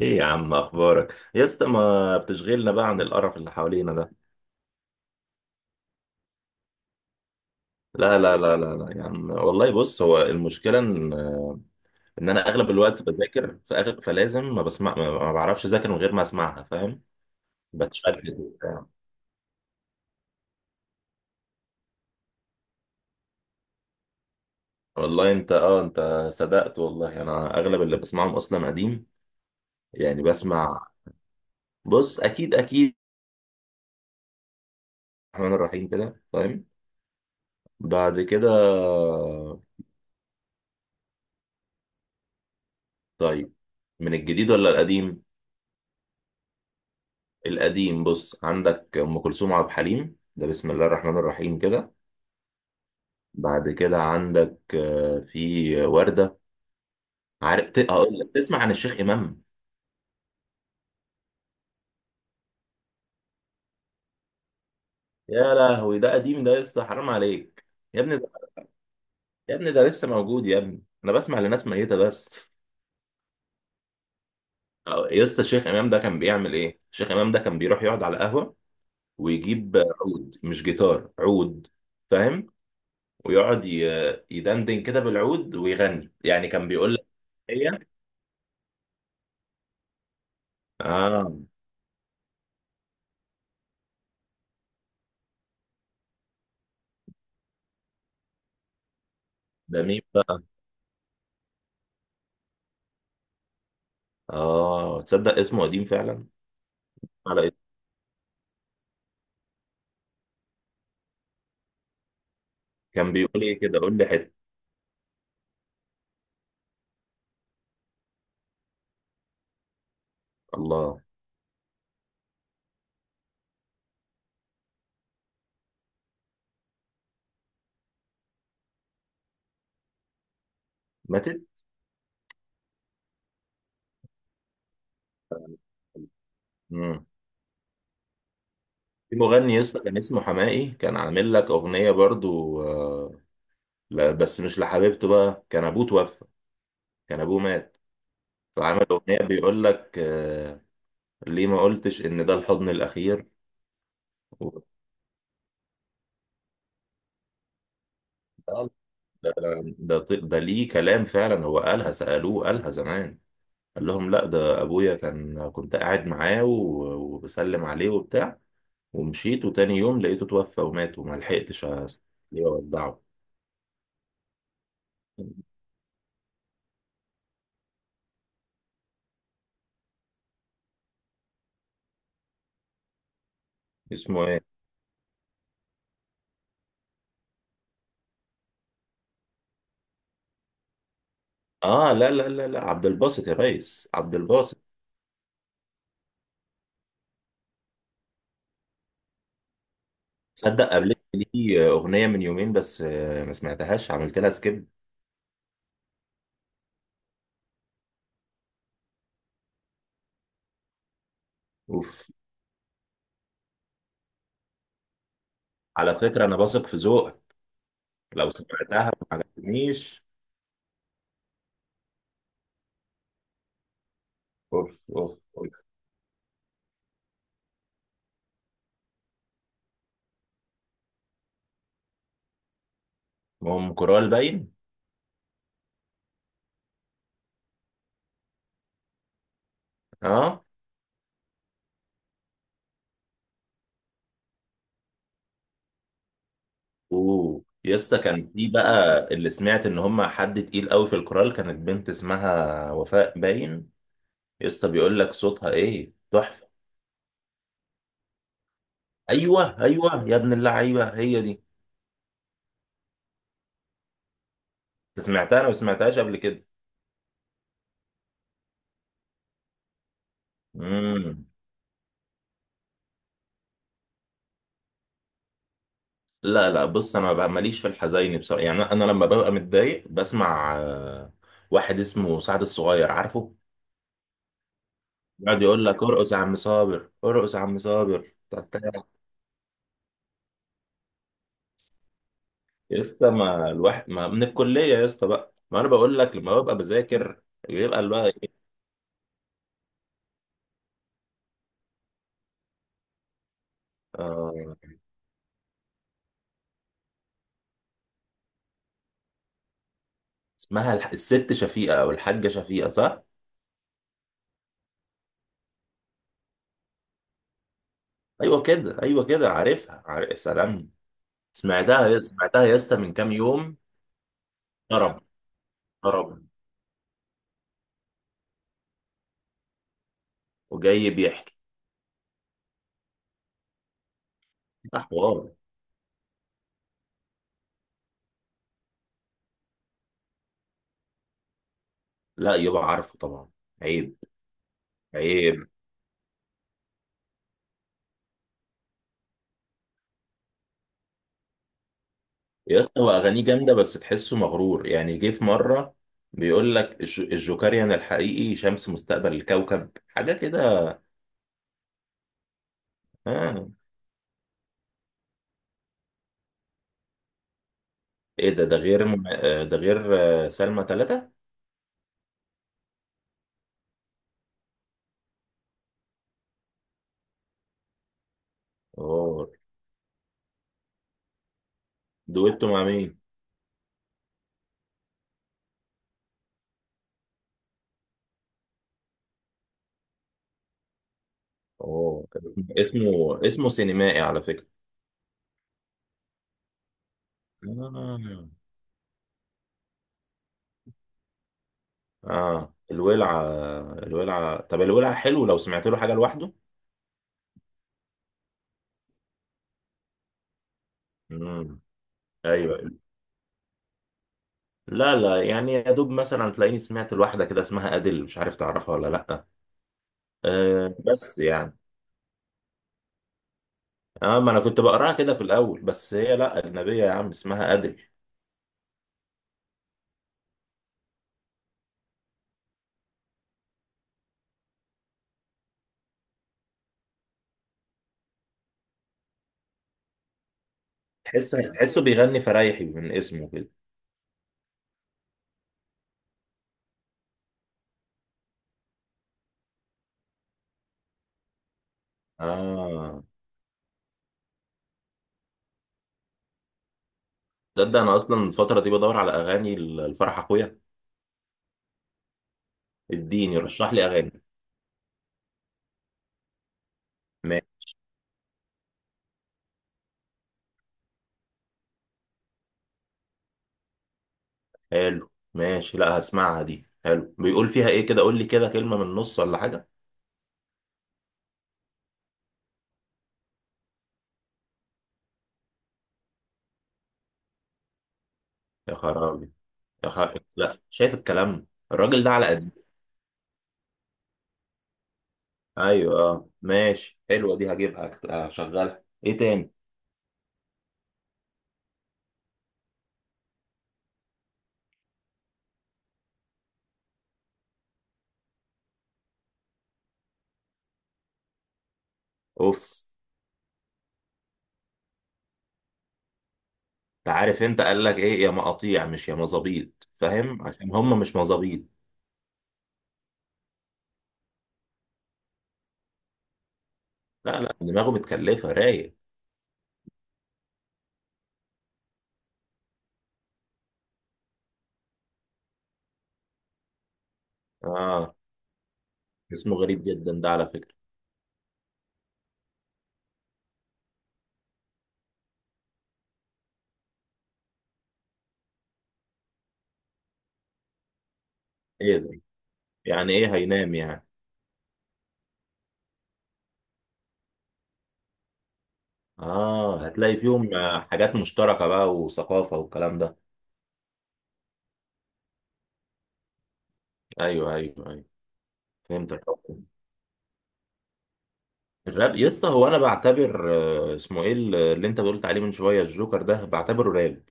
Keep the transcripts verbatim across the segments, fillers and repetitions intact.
ايه يا عم، اخبارك يا اسطى؟ ما بتشغلنا بقى عن القرف اللي حوالينا ده. لا لا لا لا لا يا عم والله، بص، هو المشكله ان ان انا اغلب الوقت بذاكر، فأغ- فلازم ما بسمع، ما ما بعرفش اذاكر من غير ما اسمعها، فاهم؟ بتشتت وبتاع. والله انت اه انت صدقت، والله انا اغلب اللي بسمعهم اصلا قديم، يعني بسمع. بص اكيد اكيد الرحمن الرحيم كده، فاهم؟ بعد كده. طيب، من الجديد ولا القديم؟ القديم. بص، عندك ام كلثوم، عبد الحليم، ده بسم الله الرحمن الرحيم كده. بعد كده عندك آه، في ورده. عارف، ت- هقول لك تسمع عن الشيخ امام. يا لهوي، ده قديم ده يا اسطى، حرام عليك. يا ابني ده يا ابني ده لسه موجود يا ابني، انا بسمع لناس ميته بس. أو- يا اسطى، الشيخ امام ده كان بيعمل ايه؟ الشيخ امام ده كان بيروح يقعد على قهوه ويجيب عود، مش جيتار، عود، فاهم؟ ويقعد ي- يدندن كده بالعود ويغني، يعني كان بيقول لك. هي. اه. ده مين بقى؟ اه، تصدق اسمه قديم فعلا. على اسم. كان بيقول ايه كده؟ قول لي حته. الله. ماتت. امم في مغني يسطا كان اسمه حماقي، كان عامل لك اغنيه برضو آه. لا، بس مش لحبيبته بقى، كان ابوه توفى، كان ابوه مات. فعمل اغنيه بيقول لك آه، ليه ما قلتش ان ده الحضن الاخير. و- ده ده ده ده ليه كلام فعلا، هو قالها، سالوه قالها زمان. قال لهم لا، ده ابويا، كان كنت قاعد معاه و- وبسلم عليه وبتاع، ومشيت، وتاني يوم لقيته توفى ومات، وما لحقتش أس- ليه اودعه. اسمه ايه؟ اه، لا لا لا لا، عبد الباسط يا ريس، عبد الباسط. تصدق قابلت ليه اغنيه من يومين بس، آه، ما سمعتهاش، عملت لها سكيب. اوف. على فكره انا واثق في ذوقك، لو سمعتها ما عجبتنيش. اوف اوف اوف. ام كورال باين. اه. اوه يا اسطى، كان في بقى اللي سمعت ان هم حد تقيل قوي في الكورال كانت بنت اسمها وفاء باين، يا اسطى بيقول لك صوتها ايه تحفه. ايوه ايوه، يا ابن اللعيبه، هي دي. انت سمعتها؟ انا ما سمعتهاش قبل كده. امم لا لا، بص، انا بقى ماليش في الحزيني بصراحه، يعني انا لما ببقى متضايق بسمع آه، واحد اسمه سعد الصغير عارفه، يقعد يقول لك ارقص يا عم صابر، ارقص يا عم صابر، بتاع- بتاع. يا اسطى، ما الواحد ما من الكليه يا اسطى بقى، ما انا بقول لك لما ببقى بذاكر بيبقى بقى ايه؟ آه، اسمها الح- الست شفيقه او الحاجه شفيقه صح. ايوه كده، ايوه كده، عارفها، عارف، سلام. سمعتها يا- سمعتها يا اسطى من كام يوم. طرب. طرب. وجاي بيحكي. ده حوار. لا، يبقى عارفه طبعا. عيب. عيب. يا اسطى، هو اغانيه جامده، بس تحسه مغرور، يعني جه في مره بيقول لك الج- الجوكريان الحقيقي شمس مستقبل الكوكب، حاجه كده. ها. ايه ده ده غير م- آه، ده غير آه، سلمى ثلاثة. اوه. دويتو مع مين؟ اوه. اسمه اسمه سينمائي على فكره. آه. اه الولعة. الولعة، طب الولعة حلو، لو سمعت له حاجة لوحده. امم ايوه. لا لا، يعني يا دوب مثلا تلاقيني سمعت الواحدة كده اسمها أديل، مش عارف تعرفها ولا لا. أه، بس يعني. اه، ما انا كنت بقراها كده في الاول، بس هي لا اجنبية يا عم، اسمها أديل. تحس تحسه بيغني فرايحي من اسمه كده. اه، تصدق انا اصلا الفترة دي بدور على اغاني الفرح اخويا، اديني رشح لي اغاني. حلو، ماشي، لا هسمعها دي. حلو، بيقول فيها ايه كده؟ قول لي كده كلمة من النص ولا حاجة. يا خرابي. يا خرابي، لا، شايف الكلام الراجل ده على قد. ايوه، اه، ماشي، حلوة دي هجيبها. هكت- هشغلها ايه تاني؟ اوف. انت عارف انت قال لك ايه؟ يا مقاطيع مش يا مظابيط، فاهم؟ عشان هم مش مظابيط. لا لا، دماغه متكلفة رايق. اه، اسمه غريب جدا ده على فكرة. ايه ده؟ يعني ايه هينام يعني؟ اه، هتلاقي فيهم آه، حاجات مشتركة بقى وثقافة والكلام ده. ايوه ايوه ايوه. فهمتك. الراب يا اسطى، هو انا بعتبر آه، اسمه ايه ال- اللي انت قلت عليه من شويه، الجوكر ده، بعتبره راب،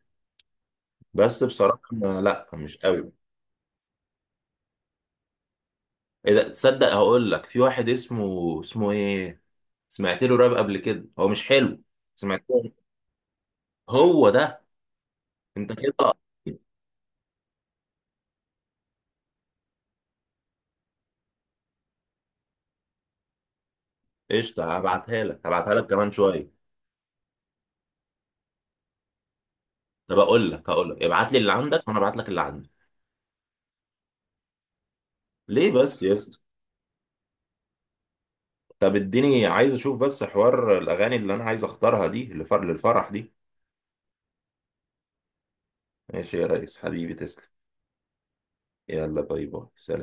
بس بصراحه ما- لا، مش قوي. اذا، تصدق هقول لك، في واحد اسمه اسمه ايه، سمعت له راب قبل كده، هو مش حلو. سمعت له، هو ده. انت كده. قشطه، هبعتها لك هبعتها لك كمان شويه. طب اقول لك هقول لك ابعت لي اللي عندك وانا ابعت لك اللي عندي. ليه بس يا اسطى؟ طب اديني، عايز اشوف بس حوار الاغاني اللي انا عايز اختارها دي لفر- للفرح دي. ماشي يا ريس، حبيبي تسلم. يلا، باي باي، سلام.